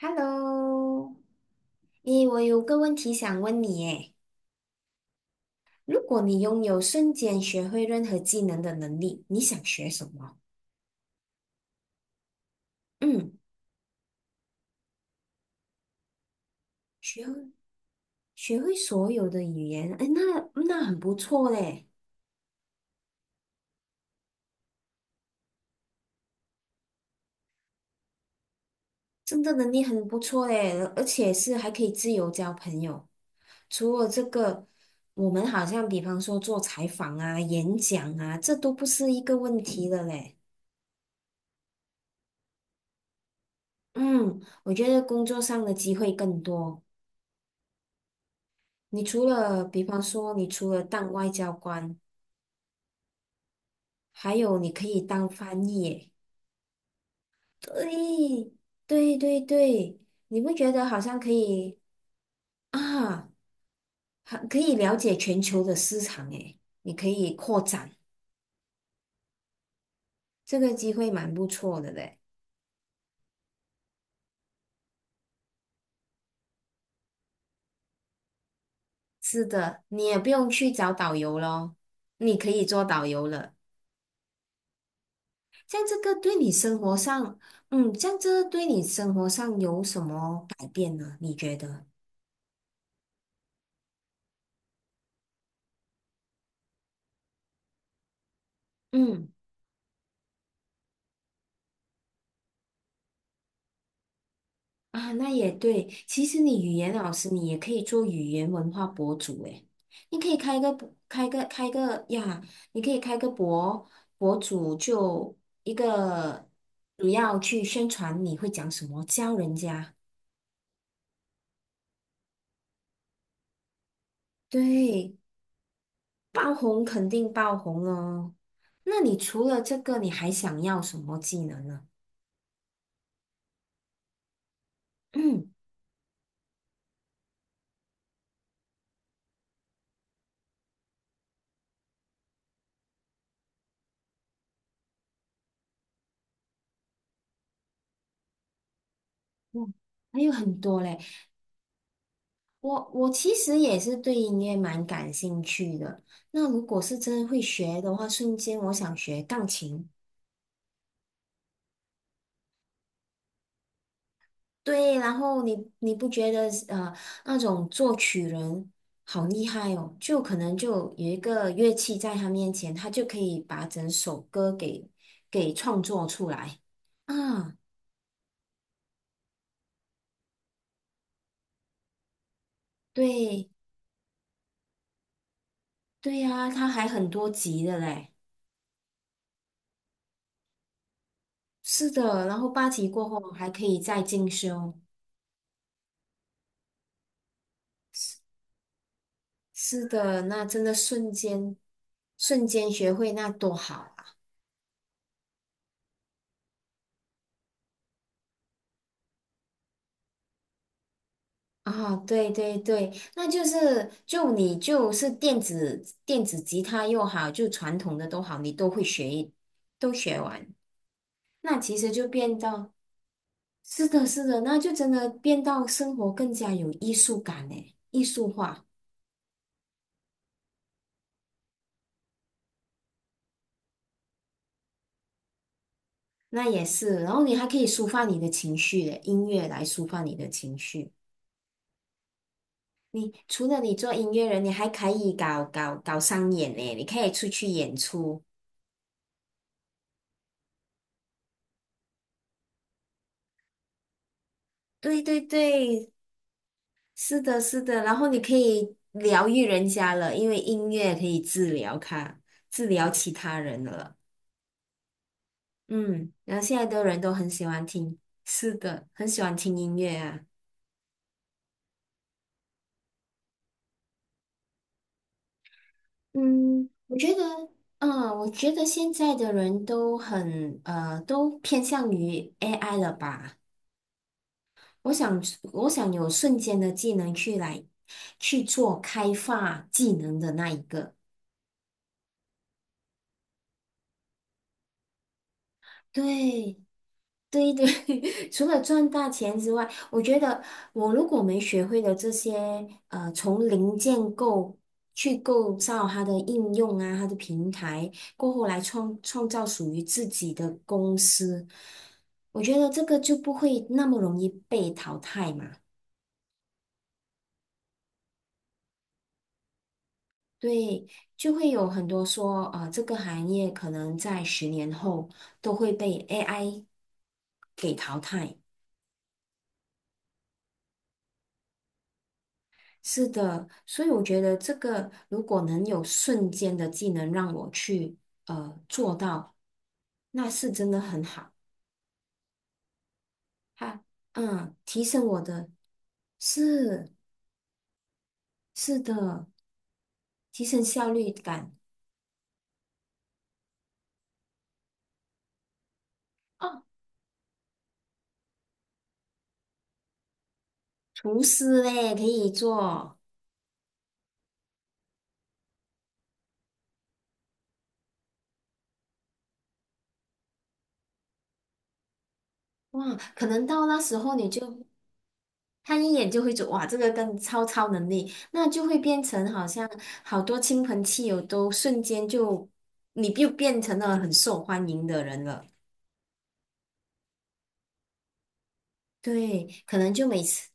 Hello，诶，我有个问题想问你，诶，如果你拥有瞬间学会任何技能的能力，你想学什么？嗯，学会学会所有的语言，诶，那很不错嘞，真的能力很不错嘞，而且是还可以自由交朋友。除了这个，我们好像比方说做采访啊、演讲啊，这都不是一个问题了嘞。嗯，我觉得工作上的机会更多。你除了，比方说，你除了当外交官，还有你可以当翻译耶。对，对对对，你不觉得好像可以啊，还可以了解全球的市场诶，你可以扩展，这个机会蛮不错的嘞。是的，你也不用去找导游咯，你可以做导游了。像这个对你生活上，嗯，像这对你生活上有什么改变呢？你觉得？嗯。啊，那也对。其实你语言老师，你也可以做语言文化博主诶。你可以开个呀，你可以开个博主，就一个主要去宣传你会讲什么，教人家。对，爆红肯定爆红哦。那你除了这个，你还想要什么技能呢？嗯，嗯还有很多嘞。我其实也是对音乐蛮感兴趣的。那如果是真的会学的话，瞬间我想学钢琴。对，然后你不觉得那种作曲人好厉害哦？就可能就有一个乐器在他面前，他就可以把整首歌给创作出来。啊，对对呀，他还很多级的嘞。是的，然后8级过后还可以再进修。是的，那真的瞬间学会那多好啊！啊，对对对，那就是你就是电子吉他又好，就传统的都好，你都会学一，都学完，那其实就变到，是的，是的，那就真的变到生活更加有艺术感嘞，艺术化，那也是，然后你还可以抒发你的情绪的，音乐来抒发你的情绪。你除了你做音乐人，你还可以搞商演呢，你可以出去演出。对对对，是的，是的。然后你可以疗愈人家了，因为音乐可以治疗他，治疗其他人了。嗯，然后现在的人都很喜欢听，是的，很喜欢听音乐啊。嗯，我觉得，我觉得现在的人都很都偏向于 AI 了吧。我想，我想有瞬间的技能去做开发技能的那一个。对，对对，除了赚大钱之外，我觉得我如果没学会的这些，从零建构去构造它的应用啊，它的平台，过后来创造属于自己的公司，我觉得这个就不会那么容易被淘汰嘛。对，就会有很多说，这个行业可能在10年后都会被 AI 给淘汰。是的，所以我觉得这个如果能有瞬间的技能让我去做到，那是真的很好。哈，嗯，提升我的，是是的，提升效率感。哦，厨师嘞，可以做。哇，可能到那时候你就他一眼就会走，哇，这个跟超能力，那就会变成好像好多亲朋戚友都瞬间就，你就变成了很受欢迎的人了。对，可能就每次，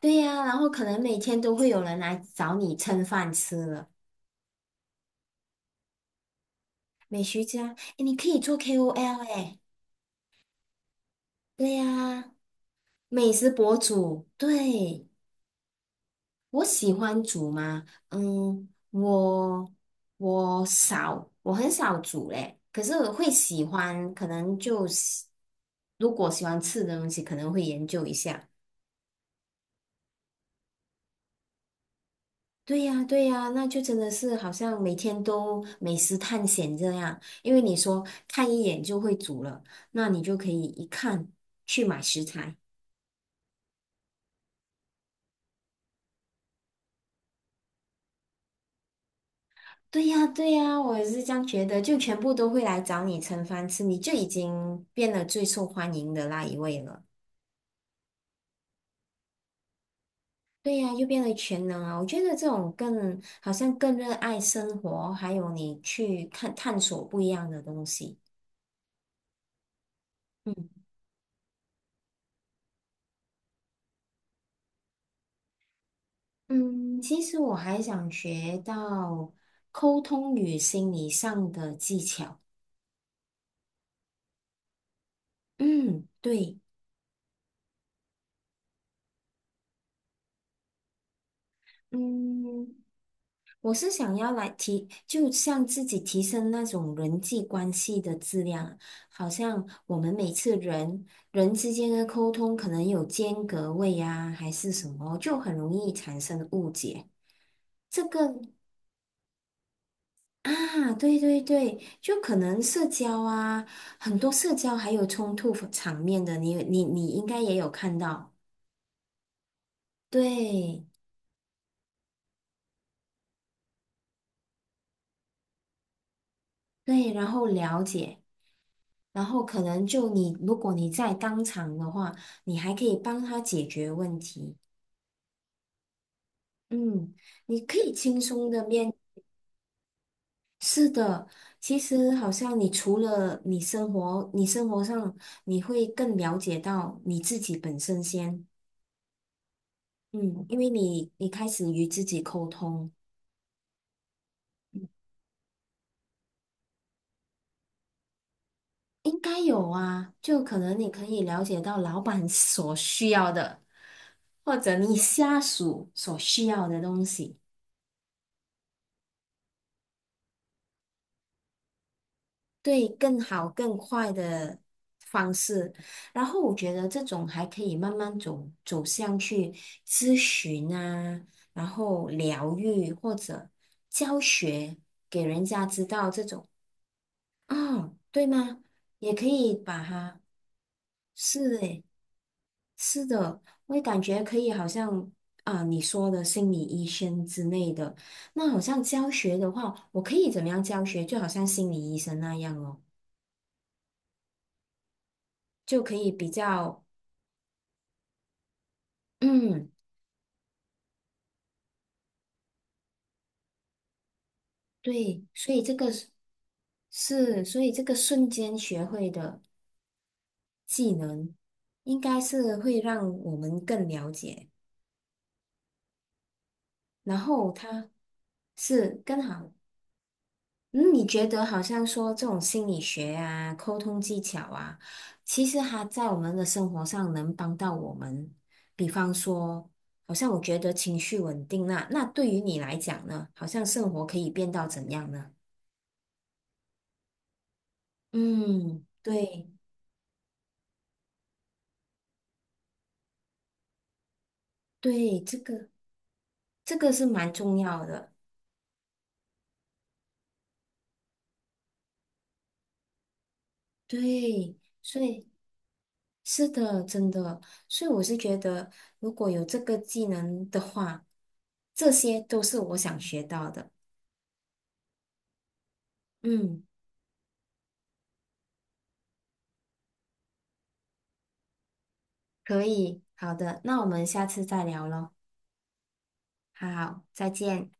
对呀、然后可能每天都会有人来找你蹭饭吃了。美食家，诶，你可以做 KOL 哎，对呀、美食博主，对。我喜欢煮吗？嗯，我很少煮嘞。可是我会喜欢，可能就喜如果喜欢吃的东西，可能会研究一下。对呀，对呀，那就真的是好像每天都美食探险这样。因为你说看一眼就会煮了，那你就可以一看去买食材。对呀，对呀，我也是这样觉得，就全部都会来找你盛饭吃，你就已经变得最受欢迎的那一位了。对呀，又变为全能啊！我觉得这种更好像更热爱生活，还有你去看探索不一样的东西。嗯嗯，其实我还想学到沟通与心理上的技巧。嗯，对，嗯，我是想要就像自己提升那种人际关系的质量，好像我们每次人之间的沟通可能有间隔位呀、还是什么，就很容易产生误解。这个啊，对对对，就可能社交啊，很多社交还有冲突场面的，你应该也有看到，对对，然后了解。然后可能就你，如果你在当场的话，你还可以帮他解决问题。嗯，你可以轻松的面。是的，其实好像你除了你生活，你生活上你会更了解到你自己本身先。嗯，因为你开始与自己沟通，应该有啊，就可能你可以了解到老板 所需要的，或者你下属所需要的东西。对更好更快的方式，然后我觉得这种还可以慢慢走向去咨询啊，然后疗愈或者教学，给人家知道这种哦，对吗？也可以把它是诶，是的，我也感觉可以，好像啊你说的心理医生之类的，那好像教学的话，我可以怎么样教学？就好像心理医生那样哦。就可以比较嗯，对，所以这个是所以这个瞬间学会的技能，应该是会让我们更了解，然后它是更好。嗯，你觉得好像说这种心理学啊、沟通技巧啊，其实它在我们的生活上能帮到我们。比方说，好像我觉得情绪稳定那对于你来讲呢，好像生活可以变到怎样呢？嗯，对。对，这个是蛮重要的，对，所以是的，真的，所以我是觉得，如果有这个技能的话，这些都是我想学到的。嗯，可以，好的，那我们下次再聊喽。好，再见。